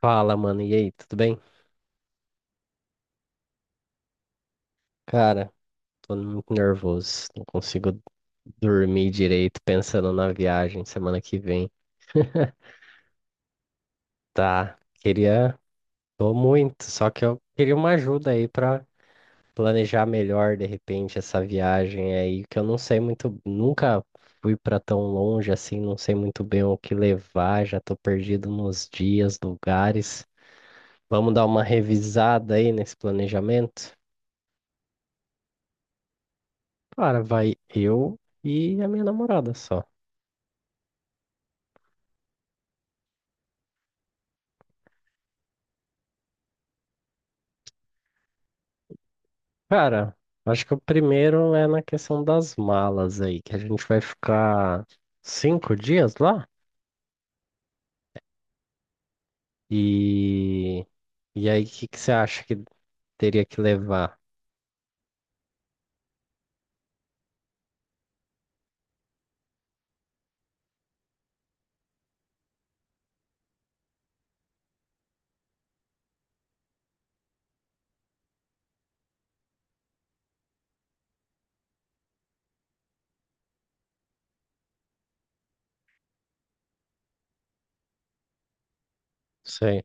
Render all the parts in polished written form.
Fala, mano. E aí, tudo bem? Cara, tô muito nervoso. Não consigo dormir direito pensando na viagem semana que vem. Tá, queria. Tô muito, só que eu queria uma ajuda aí pra planejar melhor de repente essa viagem aí, que eu não sei muito. Nunca fui pra tão longe assim, não sei muito bem o que levar, já tô perdido nos dias, lugares. Vamos dar uma revisada aí nesse planejamento? Cara, vai eu e a minha namorada só. Cara, acho que o primeiro é na questão das malas aí, que a gente vai ficar 5 dias lá. E, e aí, o que que você acha que teria que levar? Sei.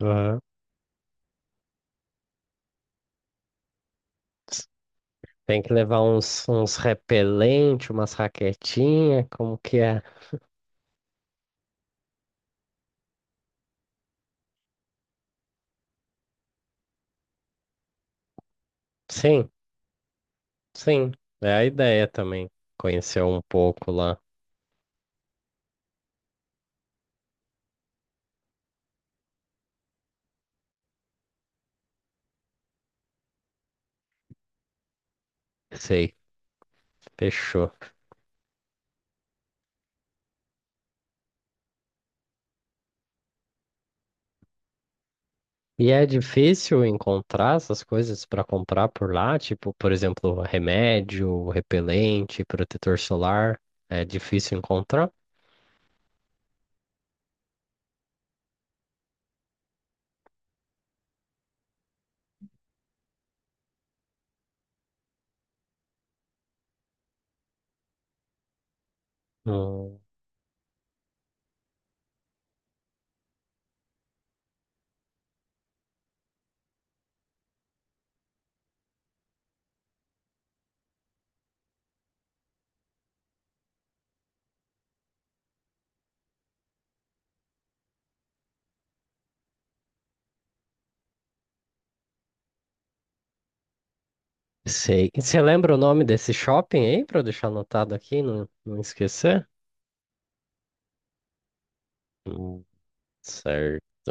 Aham. Tem que levar uns repelentes, umas raquetinhas, como que é? Sim, sim. É a ideia também. Conhecer um pouco lá. Sei, fechou. E é difícil encontrar essas coisas para comprar por lá, tipo, por exemplo, remédio, repelente, protetor solar. É difícil encontrar. Não sei. E você lembra o nome desse shopping aí, para eu deixar anotado aqui, não esquecer? Hum, certo.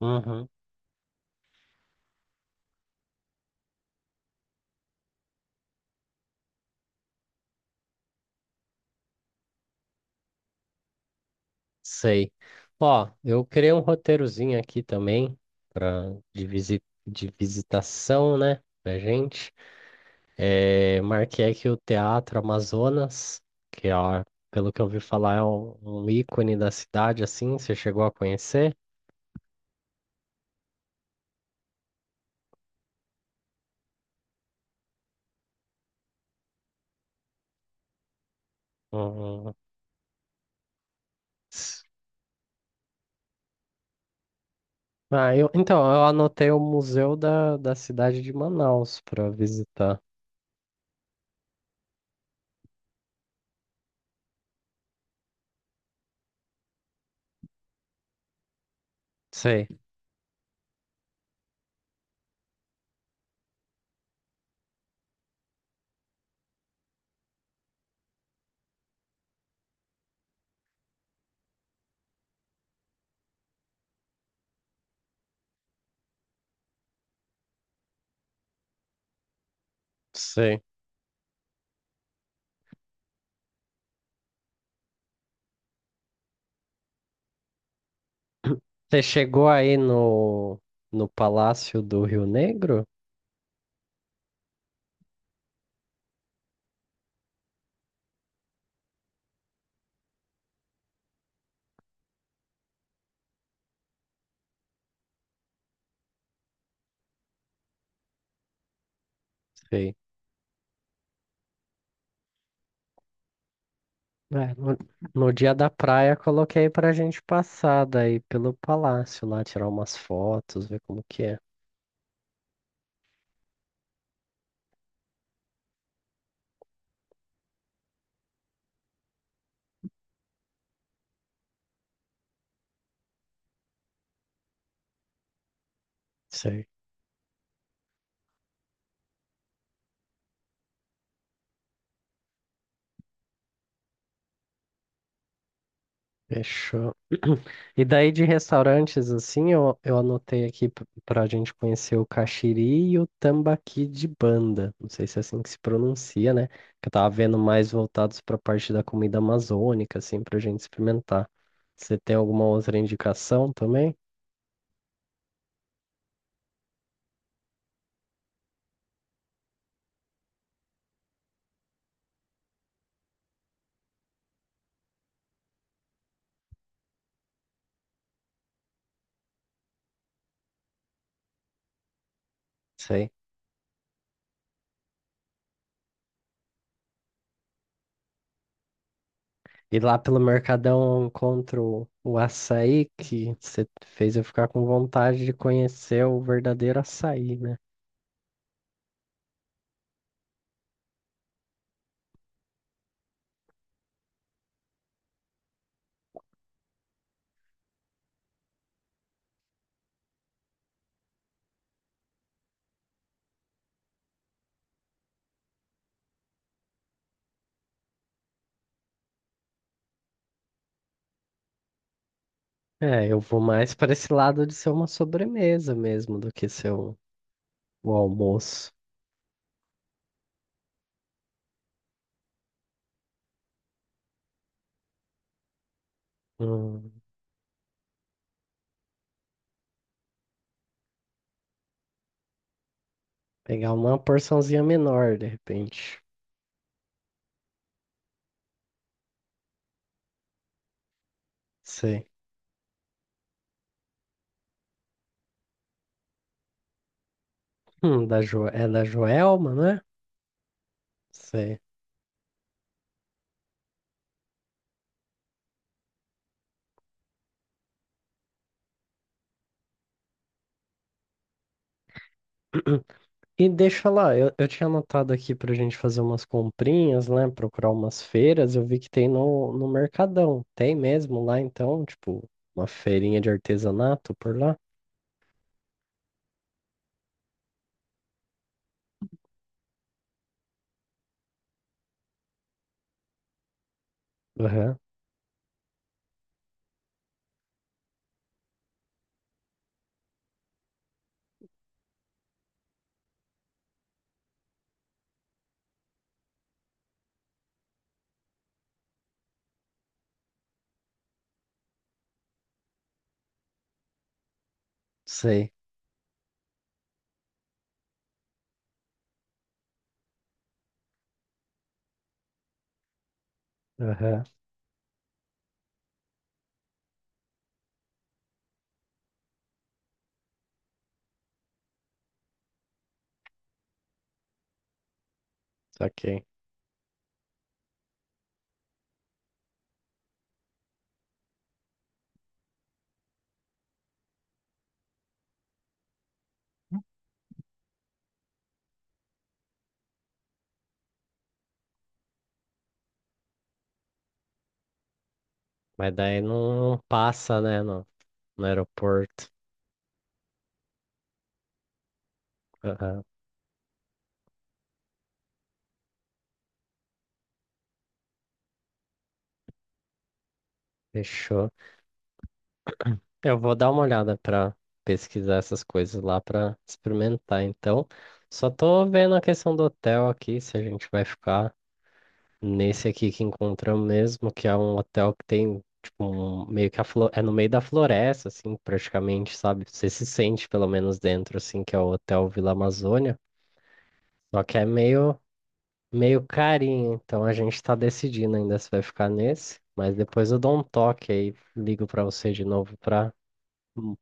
Uhum, sei. Ó, eu criei um roteirozinho aqui também para de visitação, né, pra gente. É, marquei aqui o Teatro Amazonas, que ó, pelo que eu ouvi falar é um ícone da cidade, assim, você chegou a conhecer? Um- um, Ah, então, eu anotei o Museu da Cidade de Manaus para visitar. Sei, sei. Você chegou aí no, no, Palácio do Rio Negro? Sei. É, no dia da praia coloquei pra gente passar daí pelo palácio lá, tirar umas fotos, ver como que é. Fechou. E daí de restaurantes, assim, eu anotei aqui pra gente conhecer o Caxiri e o Tambaqui de Banda. Não sei se é assim que se pronuncia, né? Que eu tava vendo mais voltados pra parte da comida amazônica, assim, pra gente experimentar. Você tem alguma outra indicação também? Sei. E lá pelo Mercadão eu encontro o açaí que você fez eu ficar com vontade de conhecer o verdadeiro açaí, né? É, eu vou mais para esse lado de ser uma sobremesa mesmo do que ser o almoço. Hum, pegar uma porçãozinha menor, de repente. Sei. É da Joelma, né? Sei. E deixa eu falar, eu tinha anotado aqui pra gente fazer umas comprinhas, né? Procurar umas feiras, eu vi que tem no, Mercadão. Tem mesmo lá, então, tipo, uma feirinha de artesanato por lá? Aham, sei. Aham, saquei. Mas daí não passa, né? No aeroporto. Aham, fechou. Eu vou dar uma olhada para pesquisar essas coisas lá para experimentar, então. Só tô vendo a questão do hotel aqui, se a gente vai ficar nesse aqui que encontramos mesmo, que é um hotel que tem tipo um, meio que é no meio da floresta, assim, praticamente, sabe? Você se sente pelo menos dentro, assim, que é o Hotel Vila Amazônia. Só que é meio carinho, então a gente tá decidindo ainda se vai ficar nesse, mas depois eu dou um toque aí, ligo pra você de novo pra. Hum,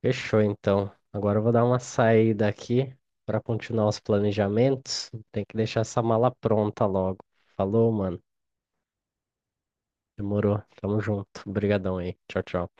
Fechou então. Agora eu vou dar uma saída aqui pra continuar os planejamentos. Tem que deixar essa mala pronta logo. Falou, mano. Demorou. Tamo junto. Obrigadão aí. Tchau, tchau.